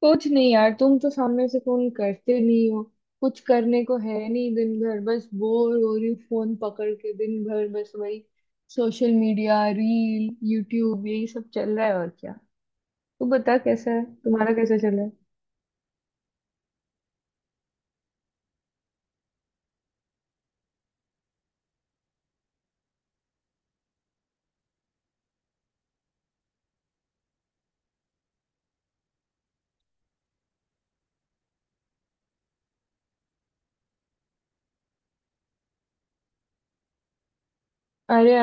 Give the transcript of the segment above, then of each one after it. कुछ नहीं यार, तुम तो सामने से फोन करते नहीं हो। कुछ करने को है नहीं, दिन भर बस बोर हो रही हूँ, फोन पकड़ के दिन भर बस वही सोशल मीडिया, रील, यूट्यूब, यही सब चल रहा है और क्या। तू बता, कैसा है, तुम्हारा कैसा चल रहा है। अरे,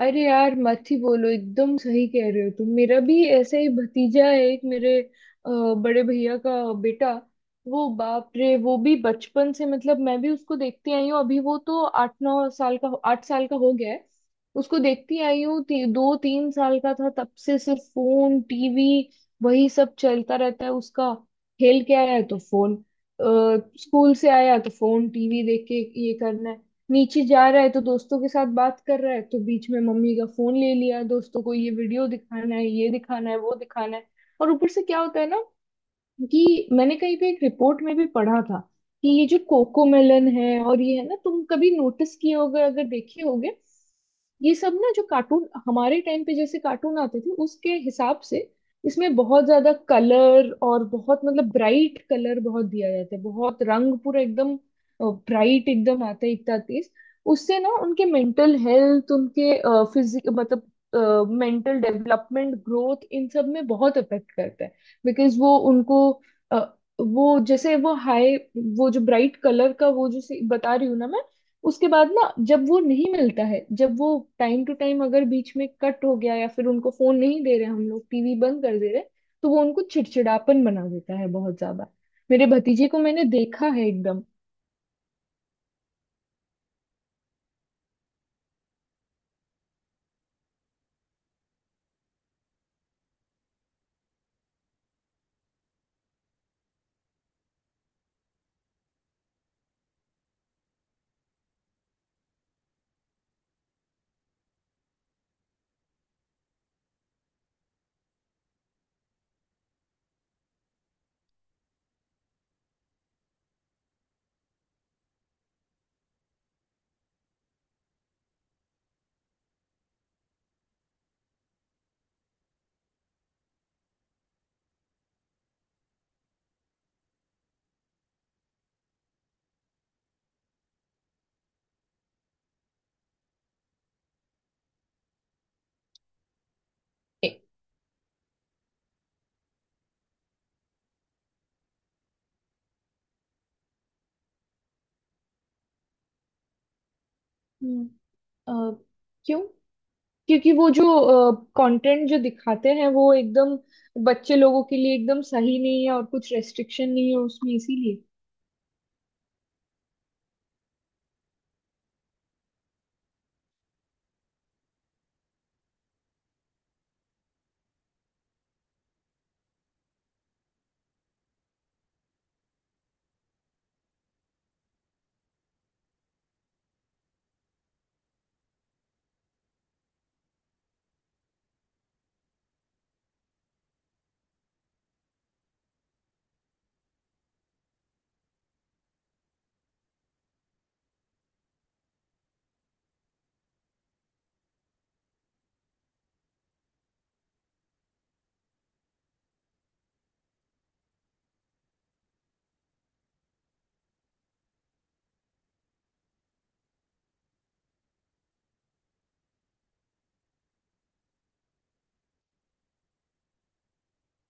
अरे यार मत ही बोलो, एकदम सही कह रहे हो तुम। मेरा भी ऐसा ही भतीजा है, एक मेरे अ, बड़े भैया का बेटा। वो बाप रे, वो भी बचपन से, मतलब मैं भी उसको देखती आई हूँ। अभी वो तो आठ नौ साल का, आठ साल का हो गया है। उसको देखती आई हूँ दो तीन साल का था तब से, सिर्फ फोन, टीवी, वही सब चलता रहता है उसका। खेल के आया तो फोन, अ, स्कूल से आया तो फोन, टीवी देख के ये करना है। नीचे जा रहा है तो दोस्तों के साथ बात कर रहा है, तो बीच में मम्मी का फोन ले लिया, दोस्तों को ये वीडियो दिखाना है, ये दिखाना है, वो दिखाना है। और ऊपर से क्या होता है ना, क्योंकि मैंने कहीं पे एक रिपोर्ट में भी पढ़ा था कि ये जो कोकोमेलन है और ये है ना, तुम कभी नोटिस किए होगे अगर देखे होगे, ये सब ना, जो कार्टून हमारे टाइम पे जैसे कार्टून आते थे उसके हिसाब से, इसमें बहुत ज्यादा कलर, और बहुत मतलब ब्राइट कलर बहुत दिया जाता है, बहुत रंग पूरा एकदम ब्राइट एकदम आता है, इतना तेज। उससे ना उनके मेंटल हेल्थ, उनके फिजिक, मतलब मेंटल डेवलपमेंट, ग्रोथ, इन सब में बहुत इफेक्ट करता है। बिकॉज वो उनको, अ, वो जैसे वो हाई, वो जो ब्राइट कलर का, वो जो बता रही हूँ ना मैं। उसके बाद ना जब वो नहीं मिलता है, जब वो टाइम टू टाइम अगर बीच में कट हो गया, या फिर उनको फोन नहीं दे रहे हम लोग, टीवी बंद कर दे रहे, तो वो उनको चिड़चिड़ापन बना देता है बहुत ज्यादा। मेरे भतीजे को मैंने देखा है एकदम। ए- हम्म। अ, क्यों। क्योंकि वो जो कंटेंट जो दिखाते हैं वो एकदम बच्चे लोगों के लिए एकदम सही नहीं है, और कुछ रेस्ट्रिक्शन नहीं है उसमें, इसीलिए।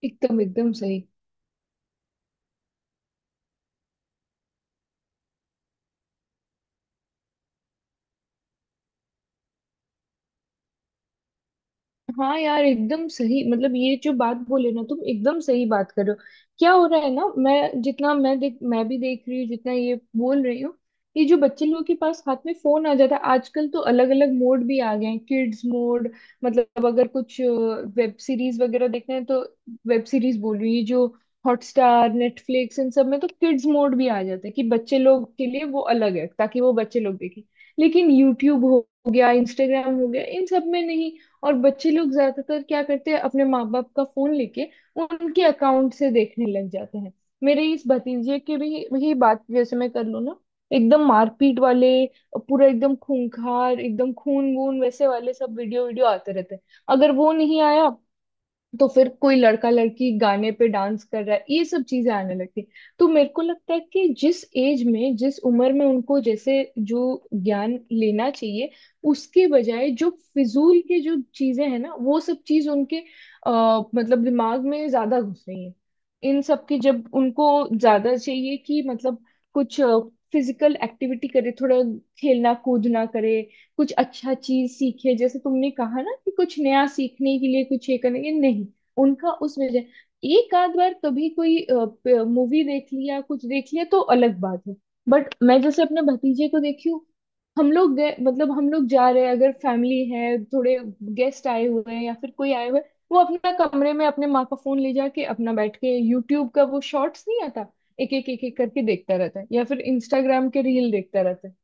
एकदम, एकदम सही। हाँ यार एकदम सही, मतलब ये जो बात बोले ना तुम, एकदम सही बात कर रहे हो। क्या हो रहा है ना, मैं भी देख रही हूँ जितना, ये बोल रही हूँ। ये जो बच्चे लोगों के पास हाथ में फोन आ जाता है, आजकल तो अलग अलग मोड भी आ गए हैं, किड्स मोड। मतलब अगर कुछ वेब सीरीज वगैरह देखना है तो, वेब सीरीज बोल रही हूँ, ये जो हॉटस्टार, नेटफ्लिक्स, इन सब में तो किड्स मोड भी आ जाता है कि बच्चे लोग के लिए वो अलग है, ताकि वो बच्चे लोग देखें। लेकिन यूट्यूब हो गया, इंस्टाग्राम हो गया, इन सब में नहीं। और बच्चे लोग ज्यादातर क्या करते हैं, अपने माँ बाप का फोन लेके उनके अकाउंट से देखने लग जाते हैं। मेरे इस भतीजे की भी ही बात जैसे मैं कर लूँ ना, एकदम मारपीट वाले, पूरा एकदम खूंखार, एकदम खून वून वैसे वाले सब वीडियो, वीडियो आते रहते हैं। अगर वो नहीं आया तो फिर कोई लड़का लड़की गाने पे डांस कर रहा है, ये सब चीजें आने लगती। तो मेरे को लगता है कि जिस एज में, जिस उम्र में उनको जैसे जो ज्ञान लेना चाहिए, उसके बजाय जो फिजूल के जो चीजें हैं ना, वो सब चीज उनके मतलब दिमाग में ज्यादा घुस रही है। इन सब की जब उनको ज्यादा चाहिए कि मतलब, कुछ फिजिकल एक्टिविटी करे, थोड़ा खेलना कूदना करे, कुछ अच्छा चीज सीखे, जैसे तुमने कहा ना कि कुछ नया सीखने के लिए, कुछ ये करने के लिए, नहीं उनका उस वजह। एक आध बार कभी कोई मूवी देख लिया, कुछ देख लिया तो अलग बात है। बट मैं जैसे अपने भतीजे को देखी हूँ, हम लोग गए, मतलब हम लोग जा रहे हैं अगर, फैमिली है थोड़े गेस्ट आए हुए हैं या फिर कोई आए हुए हैं, वो अपना कमरे में अपने माँ का फोन ले जाके अपना बैठ के, यूट्यूब का वो शॉर्ट्स नहीं आता, एक एक एक एक करके देखता रहता है, या फिर इंस्टाग्राम के रील देखता रहता है।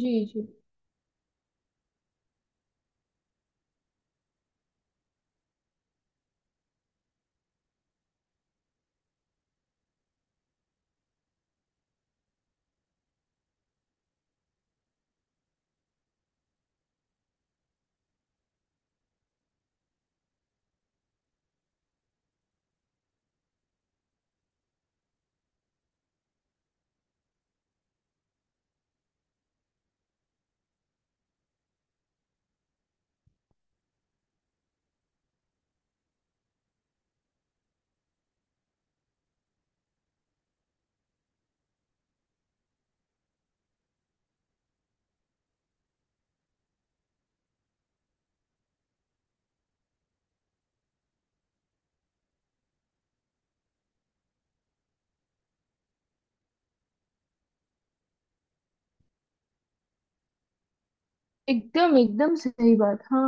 जी जी। एकदम एकदम सही बात, हाँ।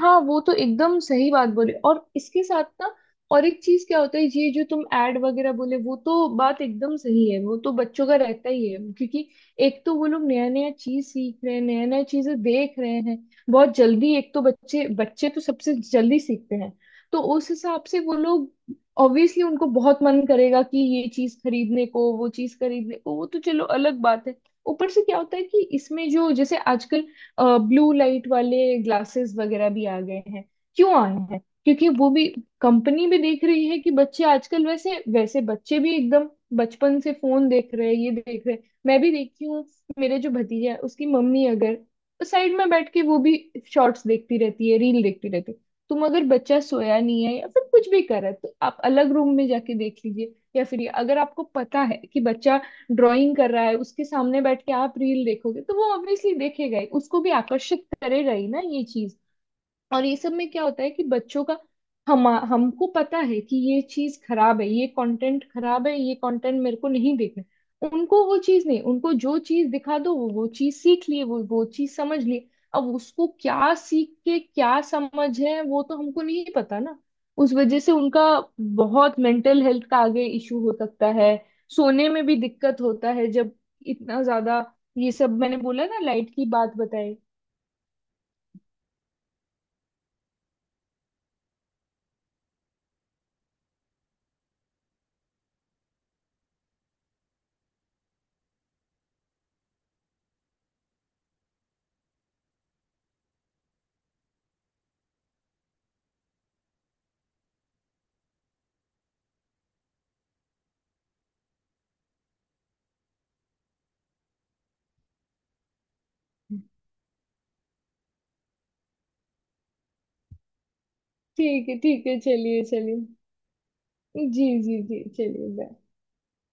हाँ वो तो एकदम सही बात बोले, और इसके साथ ना, और एक चीज क्या होता है, ये जो तुम एड वगैरह बोले वो तो बात एकदम सही है, वो तो बच्चों का रहता ही है, क्योंकि एक तो वो लोग नया नया चीज सीख रहे हैं, नया नया चीजें देख रहे हैं बहुत जल्दी, एक तो बच्चे, बच्चे तो सबसे जल्दी सीखते हैं। तो उस हिसाब से वो लोग ऑब्वियसली, उनको बहुत मन करेगा कि ये चीज खरीदने को, वो चीज खरीदने को, वो तो चलो अलग बात है। ऊपर से क्या होता है कि इसमें जो जैसे आजकल ब्लू लाइट वाले ग्लासेस वगैरह भी आ गए हैं। क्यों आए हैं, क्योंकि वो भी, कंपनी भी देख रही है कि बच्चे आजकल वैसे वैसे, बच्चे भी एकदम बचपन से फोन देख रहे हैं, ये देख रहे हैं। मैं भी देखती हूँ, मेरे जो भतीजा है उसकी मम्मी अगर साइड में बैठ के वो भी शॉर्ट्स देखती रहती है, रील देखती रहती है। तुम अगर बच्चा सोया नहीं है या फिर कुछ भी कर रहा है, तो आप अलग रूम में जाके देख लीजिए, या फिर ये अगर आपको पता है कि बच्चा ड्राइंग कर रहा है, उसके सामने बैठ के आप रील देखोगे, तो वो ऑब्वियसली देखेगा ही, उसको भी आकर्षित करेगा ही ना ये चीज। और ये सब में क्या होता है कि बच्चों का, हम, हमको पता है कि ये चीज खराब है, ये कंटेंट खराब है, ये कंटेंट मेरे को नहीं देखना, उनको वो चीज नहीं, उनको जो चीज दिखा दो वो चीज सीख लिए, वो चीज समझ लिए। अब उसको क्या सीख के क्या समझ है वो तो हमको नहीं पता ना। उस वजह से उनका बहुत मेंटल हेल्थ का आगे इशू हो सकता है, सोने में भी दिक्कत होता है जब इतना ज्यादा। ये सब मैंने बोला ना लाइट की बात बताई। ठीक है, ठीक है, चलिए, चलिए। जी, जी, जी। चलिए, बाय।